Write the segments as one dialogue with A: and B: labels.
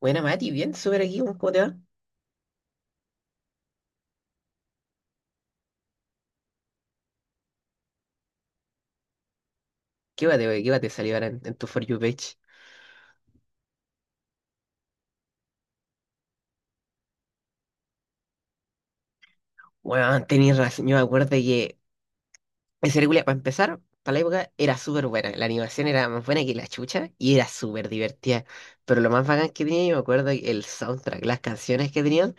A: Buena, Mati, bien, súper aquí, weón, ¿cómo te va? ¿Qué va te salió ahora en tu For You page? Bueno, tenías razón, yo me acuerdo que esa película, para empezar, para la época, era súper buena. La animación era más buena que la chucha y era súper divertida. Pero lo más bacán que tenía, yo me acuerdo que el soundtrack, las canciones que tenían,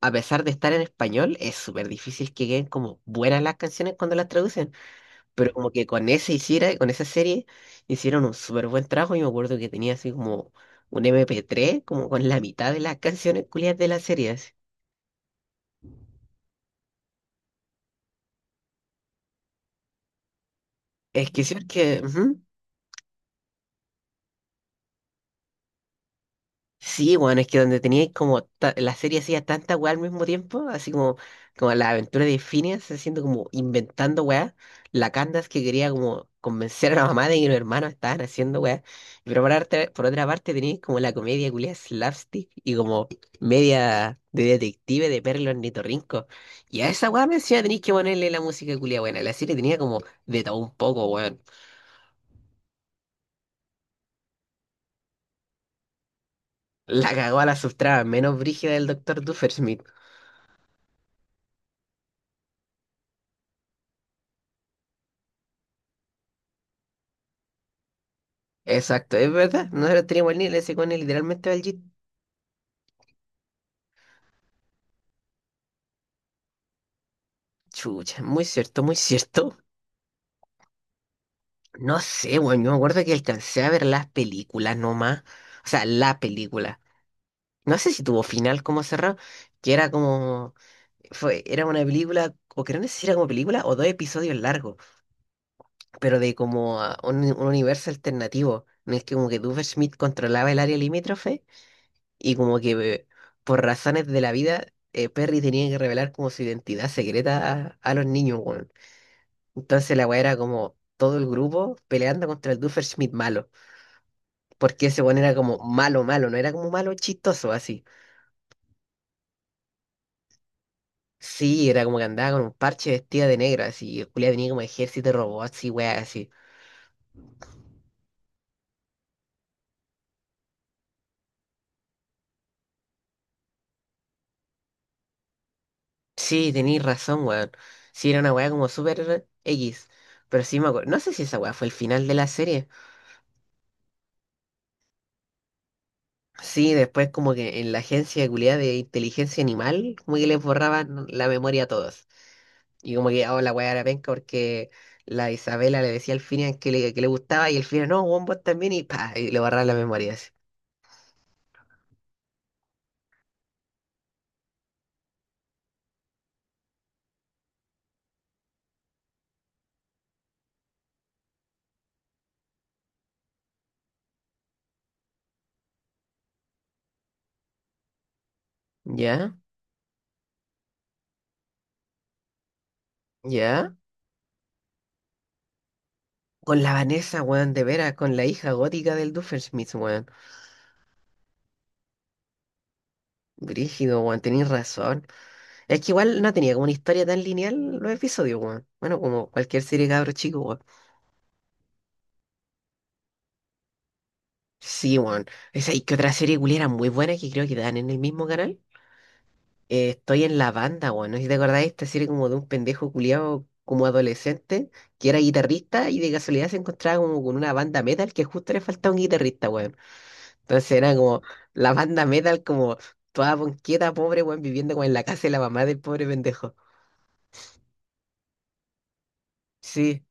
A: a pesar de estar en español, es súper difícil que queden como buenas las canciones cuando las traducen. Pero como que con esa serie, hicieron un súper buen trabajo. Y me acuerdo que tenía así como un MP3 como con la mitad de las canciones culiadas de la serie, así. Es que sí, es que ujú. Sí, bueno, es que donde teníais como la serie hacía tanta weá al mismo tiempo, así como la aventura de Phineas haciendo como inventando weá, la Candace que quería como convencer a la mamá de que los hermanos estaban haciendo weá, pero por otra parte teníais como la comedia culia slapstick y como media de detective de Perro Ornitorrinco, y a esa weá me decía tenéis que ponerle la música culia buena, la serie tenía como de todo un poco, weón. La cagó a la subtrama menos brígida del Doctor Duffersmith. Exacto, es verdad. Nosotros teníamos el nivel ese con él, literalmente va al Jeep. Chucha, muy cierto, muy cierto. No sé, bueno, yo me acuerdo que alcancé a ver las películas nomás. O sea, la película. No sé si tuvo final como cerrado, que era como. Fue, era una película, o que no sé si era como película, o dos episodios largos, pero de como ah, un universo alternativo, en el que como que Smith controlaba el área limítrofe. Y como que por razones de la vida, Perry tenía que revelar como su identidad secreta a los niños, weón. Entonces la weá era como todo el grupo peleando contra el Schmidt malo. Porque ese weón era como malo, malo, no era como malo chistoso así. Sí, era como que andaba con un parche vestida de negro, así. Y Julia tenía como ejército de robots y weá así. Sí, tenéis razón, weón. Sí, era una weá como súper X. Pero sí me acuerdo. No sé si esa weá fue el final de la serie. Sí, después como que en la agencia culiá de inteligencia animal, como que les borraban la memoria a todos. Y como que, oh, la weá era penca porque la Isabela le decía al Finian que le gustaba y el Finian, no, weón, vos también, y pa, y le borraban la memoria así. ¿Ya? ¿Ya? Con la Vanessa, weón, de veras, con la hija gótica del Doofenshmirtz, weón. Brígido, weón, tenés razón. Es que igual no tenía como una historia tan lineal los episodios, weón. Bueno, como cualquier serie de cabros chicos, weón. Sí, weón. Esa y que otra serie culiera muy buena que creo que dan en el mismo canal. Estoy en la banda, weón. No sé si te acordáis, esta serie como de un pendejo culiado como adolescente que era guitarrista y de casualidad se encontraba como con una banda metal que justo le faltaba un guitarrista, weón. Entonces era como la banda metal como toda ponqueta, pobre, weón, viviendo como en la casa de la mamá del pobre pendejo. Sí,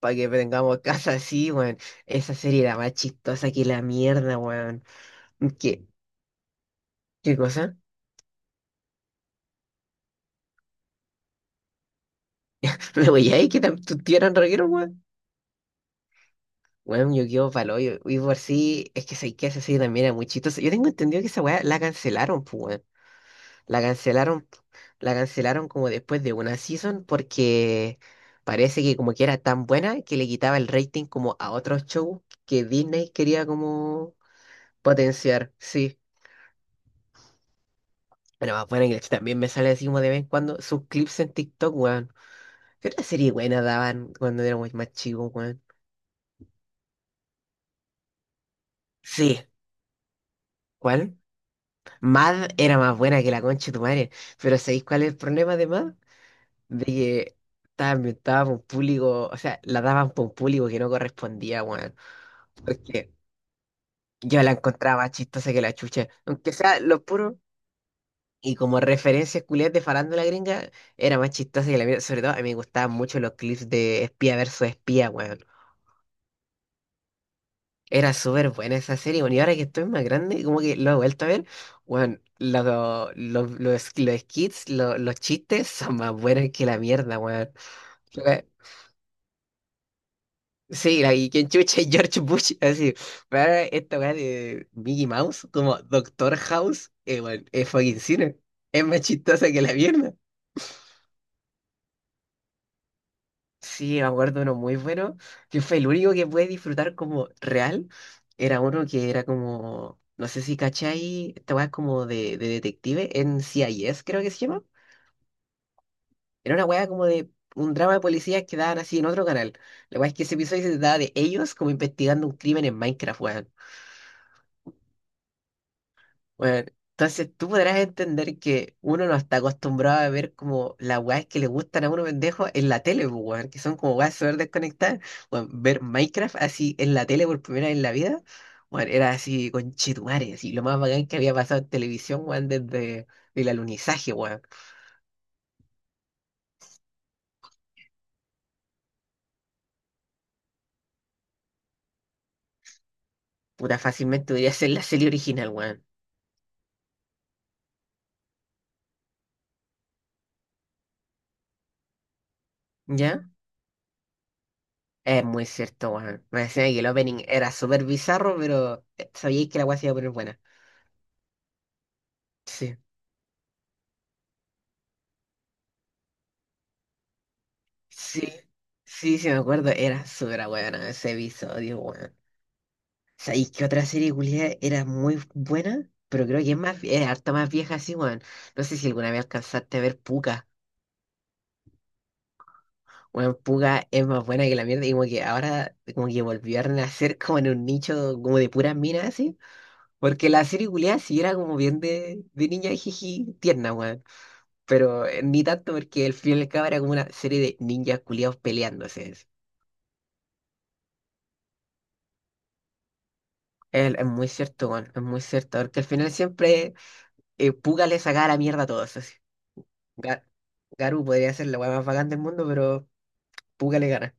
A: para que tengamos casa así, weón. Esa serie era más chistosa que la mierda, weón. ¿Qué? ¿Qué cosa? Pero, güey, ay, que tu tío era rockero, weón. Weón, yo quedo palo. Y por sí, es que sé que ese sí también era muy chistoso. Yo tengo entendido que esa weá la cancelaron, pues, weón. La cancelaron, la cancelaron como después de una season porque parece que como que era tan buena que le quitaba el rating como a otros shows que Disney quería como potenciar, sí. Bueno, más bueno que también me sale así como de vez en cuando sus clips en TikTok, weón. ¿Qué otra serie buena daban cuando éramos más chicos, weón? Sí. ¿Cuál? Mad era más buena que la concha de tu madre, pero ¿sabéis cuál es el problema de Mad? De que estaba inventada por un público, o sea, la daban por un público que no correspondía, weón. Porque yo la encontraba más chistosa que la chucha, aunque sea lo puro. Y como referencias culiadas de farándula gringa, era más chistosa que la mía. Sobre todo, a mí me gustaban mucho los clips de espía versus espía, weón. Era súper buena esa serie, bueno, y ahora que estoy más grande, como que lo he vuelto a ver, bueno, los skits, los chistes son más buenos que la mierda, weón. Weón, sí, y quien chucha es George Bush, así, pero esta weá de Mickey Mouse, como Doctor House, weón, es fucking cine, es más chistosa que la mierda. Sí, me acuerdo uno muy bueno, que fue el único que pude disfrutar como real. Era uno que era como, no sé si cachai, esta weá como de detective en CIS creo que se llama. Era una weá como de un drama de policías que daban así en otro canal. La weá es que ese episodio se trataba de ellos como investigando un crimen en Minecraft, weón. Bueno, entonces tú podrás entender que uno no está acostumbrado a ver como las weas que le gustan a uno pendejo en la tele, pues, weón, que son como weas súper desconectadas. Bueno, ver Minecraft así en la tele por primera vez en la vida, bueno, era así con chetumare, así lo más bacán que había pasado en televisión, weón, desde el alunizaje, weón. Puta, fácilmente podría ser la serie original, weón. ¿Ya? Es muy cierto, weón. Me decían que el opening era súper bizarro, pero sabíais que la wea se iba a poner buena. Sí. Sí, sí, sí, me acuerdo. Era súper bueno ese episodio, weón. ¿Sabéis qué otra serie culiada era muy buena? Pero creo que es harta más vieja así, weón. No sé si alguna vez alcanzaste a ver Puka. Weón, Puka es más buena que la mierda. Y como que ahora, como que volvió a renacer como en un nicho como de puras minas así. Porque la serie culiada sí era como bien de niña jiji tierna, weón. Pero ni tanto porque el final y al cabo era como una serie de ninjas culiados peleándose. Es muy cierto, weón, es muy cierto. Porque al final siempre Puga le saca la mierda a todos. Así. Ga- Garu podría ser la weá más bacán del mundo, pero Puga le gana.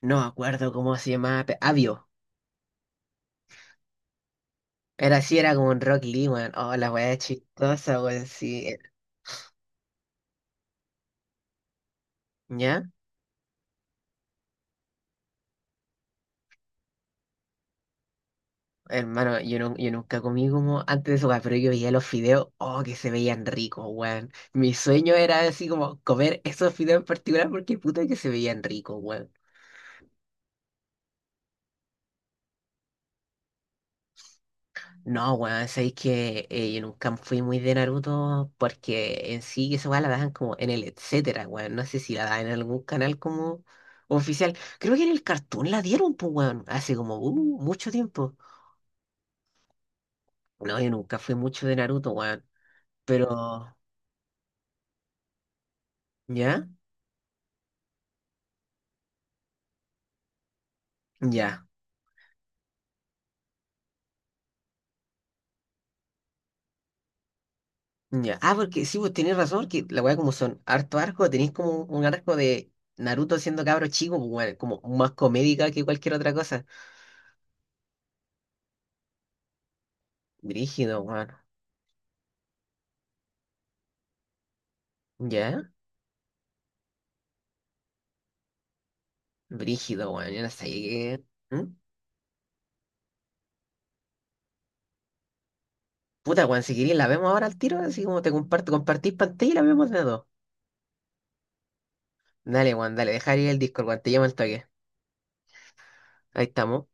A: No me acuerdo cómo se llamaba. Avio. Era así, era como un Rock Lee, weón. Oh, la weá chistosa, weón. Sí. ¿Ya? Hermano, yo nunca comí como antes de eso, weón, pero yo veía los fideos, oh, que se veían ricos, weón. Mi sueño era así como comer esos fideos en particular porque puta que se veían ricos, weón. No, weón, sabéis que yo nunca fui muy de Naruto porque en sí esa weá la daban como en el etcétera, weón. No sé si la daban en algún canal como oficial. Creo que en el Cartoon la dieron, pues, weón, hace como mucho tiempo. No, yo nunca fui mucho de Naruto, weón. Pero, ¿ya? Ya, ya. Ah, porque sí, vos tenés razón, que la weá como son harto arco, tenéis como un arco de Naruto siendo cabro chico, pues, weón, como más comédica que cualquier otra cosa. Brígido, weón. ¿Ya? Brígido, weón. Yo no sé qué. ¿Mm? Puta, weón, si querés la vemos ahora al tiro, así como te comparto, compartís pantalla y la vemos de a dos. Dale, weón, dale, dejar ir el Discord, weón, te llamo al toque. Ahí estamos.